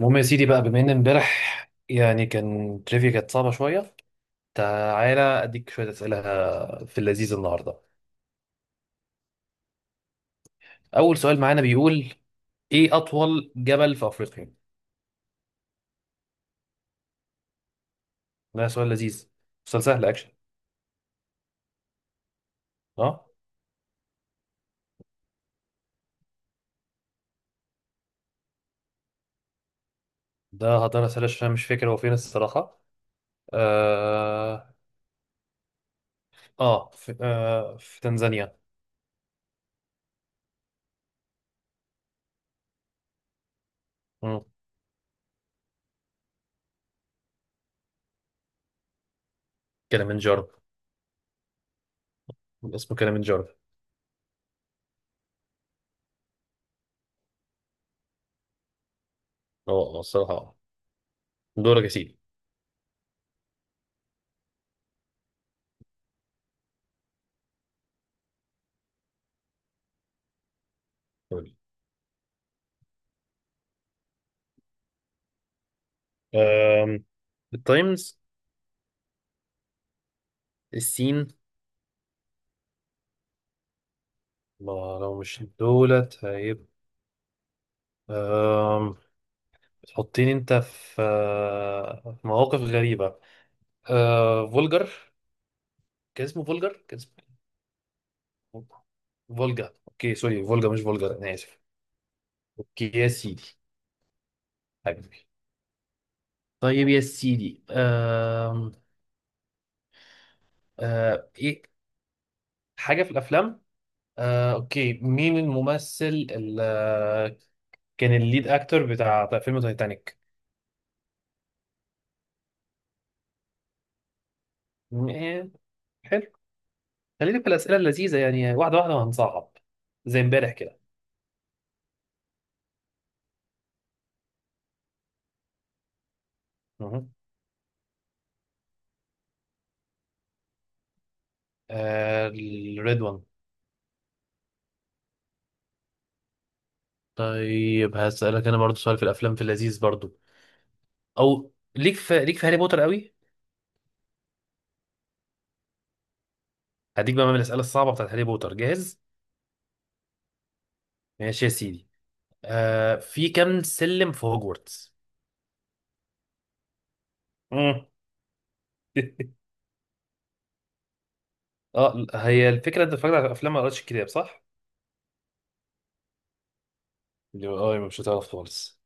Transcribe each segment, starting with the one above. المهم يا سيدي بقى، بما ان امبارح يعني كان تريفيا كانت صعبة شوية. تعالى اديك شوية اسئلة في اللذيذ النهاردة. اول سؤال معانا بيقول: ايه اطول جبل في افريقيا؟ ده سؤال لذيذ. سؤال سهل اكشن. اه ده هقدر اسأله عشان مش فاكر هو فين الصراحة. اه في تنزانيا. مم. كليمنجارو. اسمه كليمنجارو. الصراحة. دورك يا سيدي. قول لي. آم، التايمز. السين. ما لو مش دولت هيبقى. أم، بتحطيني انت في في مواقف غريبة. فولجر. كان اسمه فولجر، كان اسمه فولجا. اوكي، سوري، فولجا مش فولجر، انا اسف. اوكي يا سيدي. حبيبي. طيب يا سيدي. ايه. حاجة في الافلام. اوكي، مين الممثل اللي كان الليد اكتر بتاع فيلم تايتانيك؟ إيه، حلو. خلينا في الأسئلة اللذيذة يعني واحدة واحدة وهنصعب زي امبارح كده. مهم. الريد وان. طيب هسألك أنا برضو سؤال في الأفلام في اللذيذ برضو. أو ليك في هاري بوتر قوي. هديك بقى من الأسئلة الصعبة بتاعت هاري بوتر؟ جاهز. ماشي يا سيدي. في كام سلم في هوجورتس؟ مم. اه هي الفكرة، أنت اتفرجت على الأفلام ما قريتش الكتاب صح؟ اللي هو يبقى مش هتعرف خالص.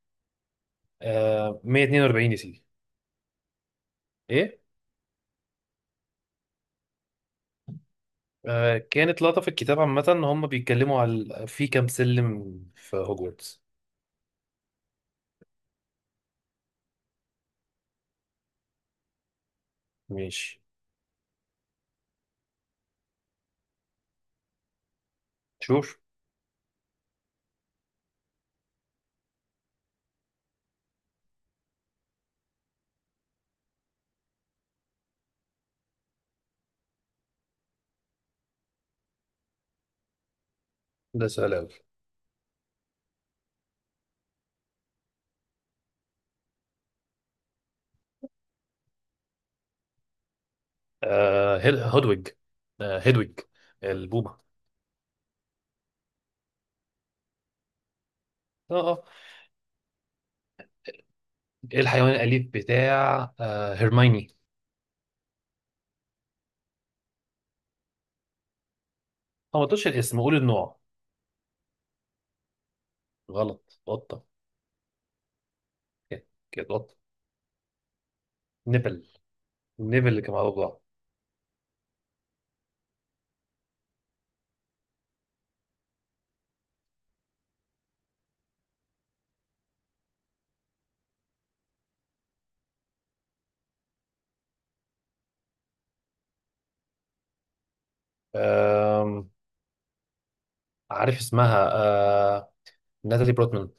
142 يا سيدي. إيه؟ كانت لقطة في الكتاب عامة إن هم بيتكلموا على في كام سلم في هوجورتس. ماشي. شوف. ده سؤال أوي. هودويج. هيدويج. البومة. اه اه ايه الحيوان الأليف بتاع هيرمايني؟ اه ما تقولش الاسم، قول النوع. غلط، قطة. كده. كده قطة. نبل. النبل اللي كان مع بعض. آم، عارف اسمها. آه ناتالي بروتمان.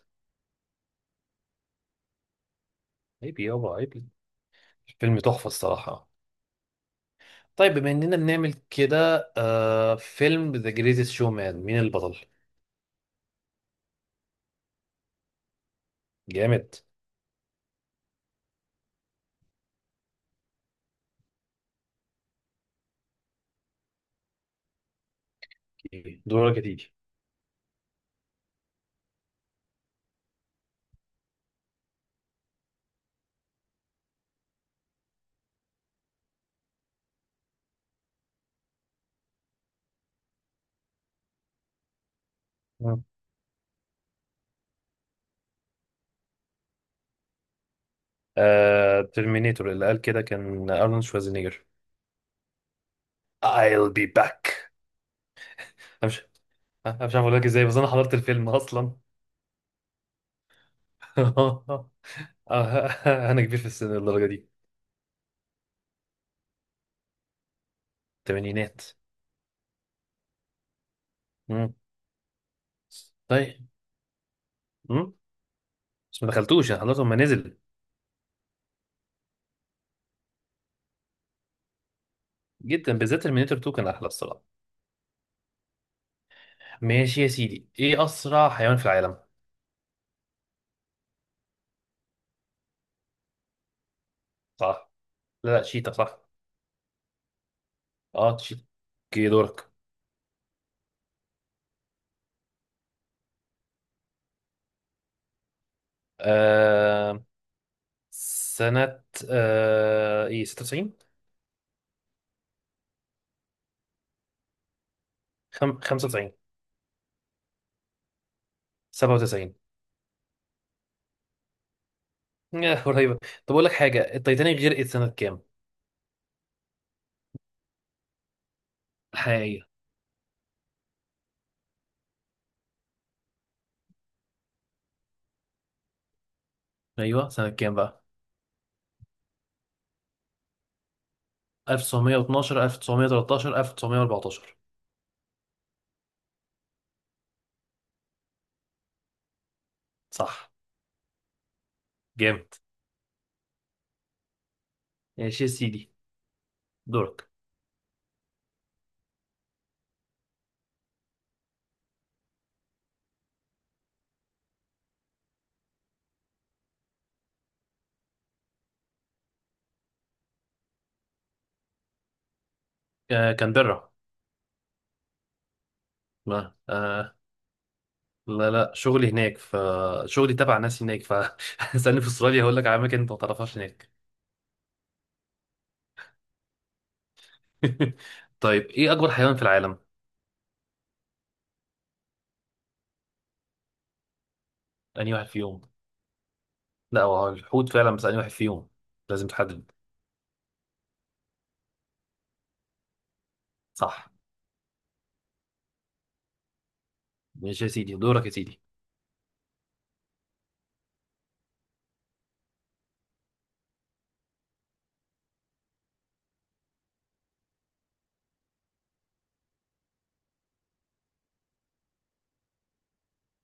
عيب يابا، عيب. الفيلم تحفة الصراحة. طيب بما اننا بنعمل كده، فيلم ذا جريتست شو مان، مين البطل؟ جامد. اوكي. دورك يا تيجي. مم. ترمينيتور، اللي قال كده كان ارنولد شوازينيجر. I'll be back. انا مش أنا مش عارف اقول لك ازاي، بس انا حضرت الفيلم اصلا. آه، انا كبير في السن للدرجه دي. الثمانينات. مم. طيب. مم. بس ما دخلتوش، انا حضرته لما نزل. جدا، بالذات ترمينيتور 2 كان احلى الصراحه. ماشي يا سيدي، ايه اسرع حيوان في العالم؟ صح. لا لا، شيتا، صح. اه تشيكي. دورك. آه سنة ايه 96؟ 95؟ 97؟ قريبة. طب اقول لك حاجة، التايتانيك غرقت سنة كام؟ الحقيقية. ايوه، سنة كام بقى؟ 1912، 1913، 1914؟ صح. جامد. ماشي يا سيدي، دورك. كانبرا. ما آه لا لا، شغلي هناك ف. شغلي تبع ناس هناك ف استني، في استراليا هقول لك على اماكن انت ما تعرفهاش هناك. طيب، ايه اكبر حيوان في العالم؟ أنهي واحد فيهم. لا، هو الحوت فعلا، بس أنهي واحد فيهم. لازم تحدد. صح. ماشي يا سيدي، دورك يا سيدي.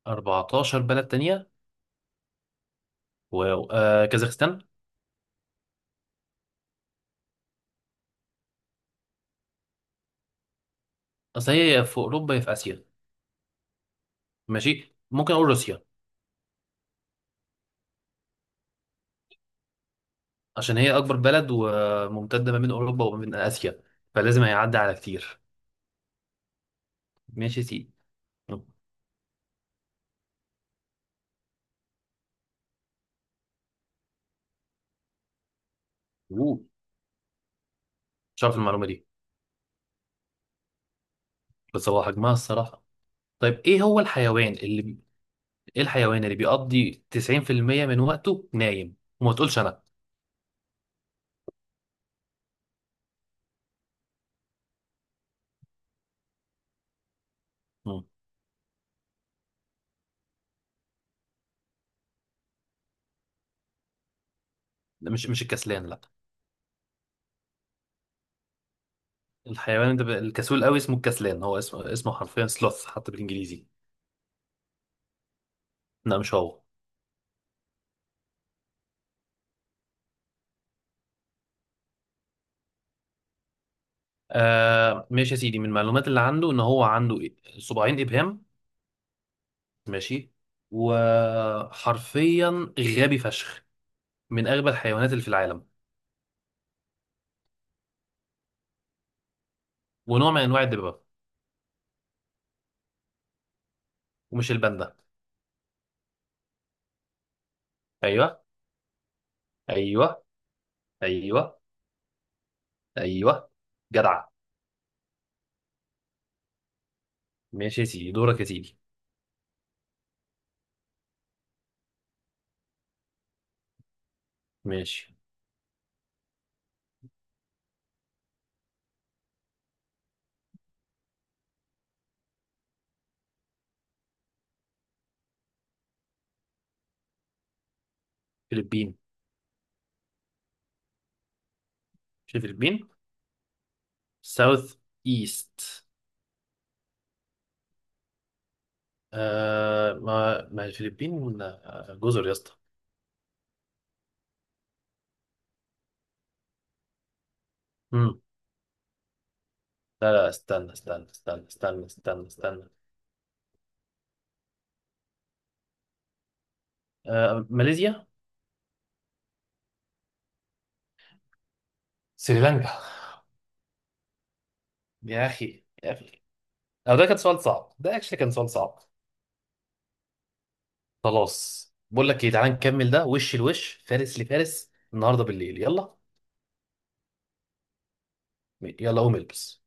14 بلد تانية؟ واو، كازاخستان. أصل هي يا في أوروبا يا في آسيا. ماشي، ممكن أقول روسيا. عشان هي أكبر بلد، وممتدة ما بين أوروبا وما بين آسيا، فلازم هيعدي على كتير. ماشي يا سيدي. أوه. مش عارف المعلومة دي. بس هو حجمها الصراحة. طيب إيه الحيوان اللي بيقضي 90% من وقته نايم؟ وما تقولش أنا. مم. ده مش الكسلان، لا. الحيوان ده الكسول قوي اسمه الكسلان، هو اسمه اسمه حرفيا سلوث حتى بالانجليزي. لا مش هو. ماشي يا سيدي، من المعلومات اللي عنده ان هو عنده صباعين ابهام. ماشي. وحرفيا غبي فشخ، من اغبى الحيوانات اللي في العالم. ونوع من انواع الدببه، ومش الباندا. ايوه، ايوه، ايوه، ايوه. جدع. ماشي يا سيدي، دورك يا سيدي. ماشي. فلبين. مش الفلبين. ساوث ايست. ما الفلبين، جزر يا اسطى. مم. لا لا، استنى، استنى، استنى، استنى، استنى، استنى. ماليزيا. سريلانكا. يا اخي، يا اخي. او ده كان سؤال صعب، ده اكشلي كان سؤال صعب. خلاص، بقول لك ايه، تعالى نكمل ده وش لوش، فارس لفارس النهارده بالليل، يلا. يلا قوم البس.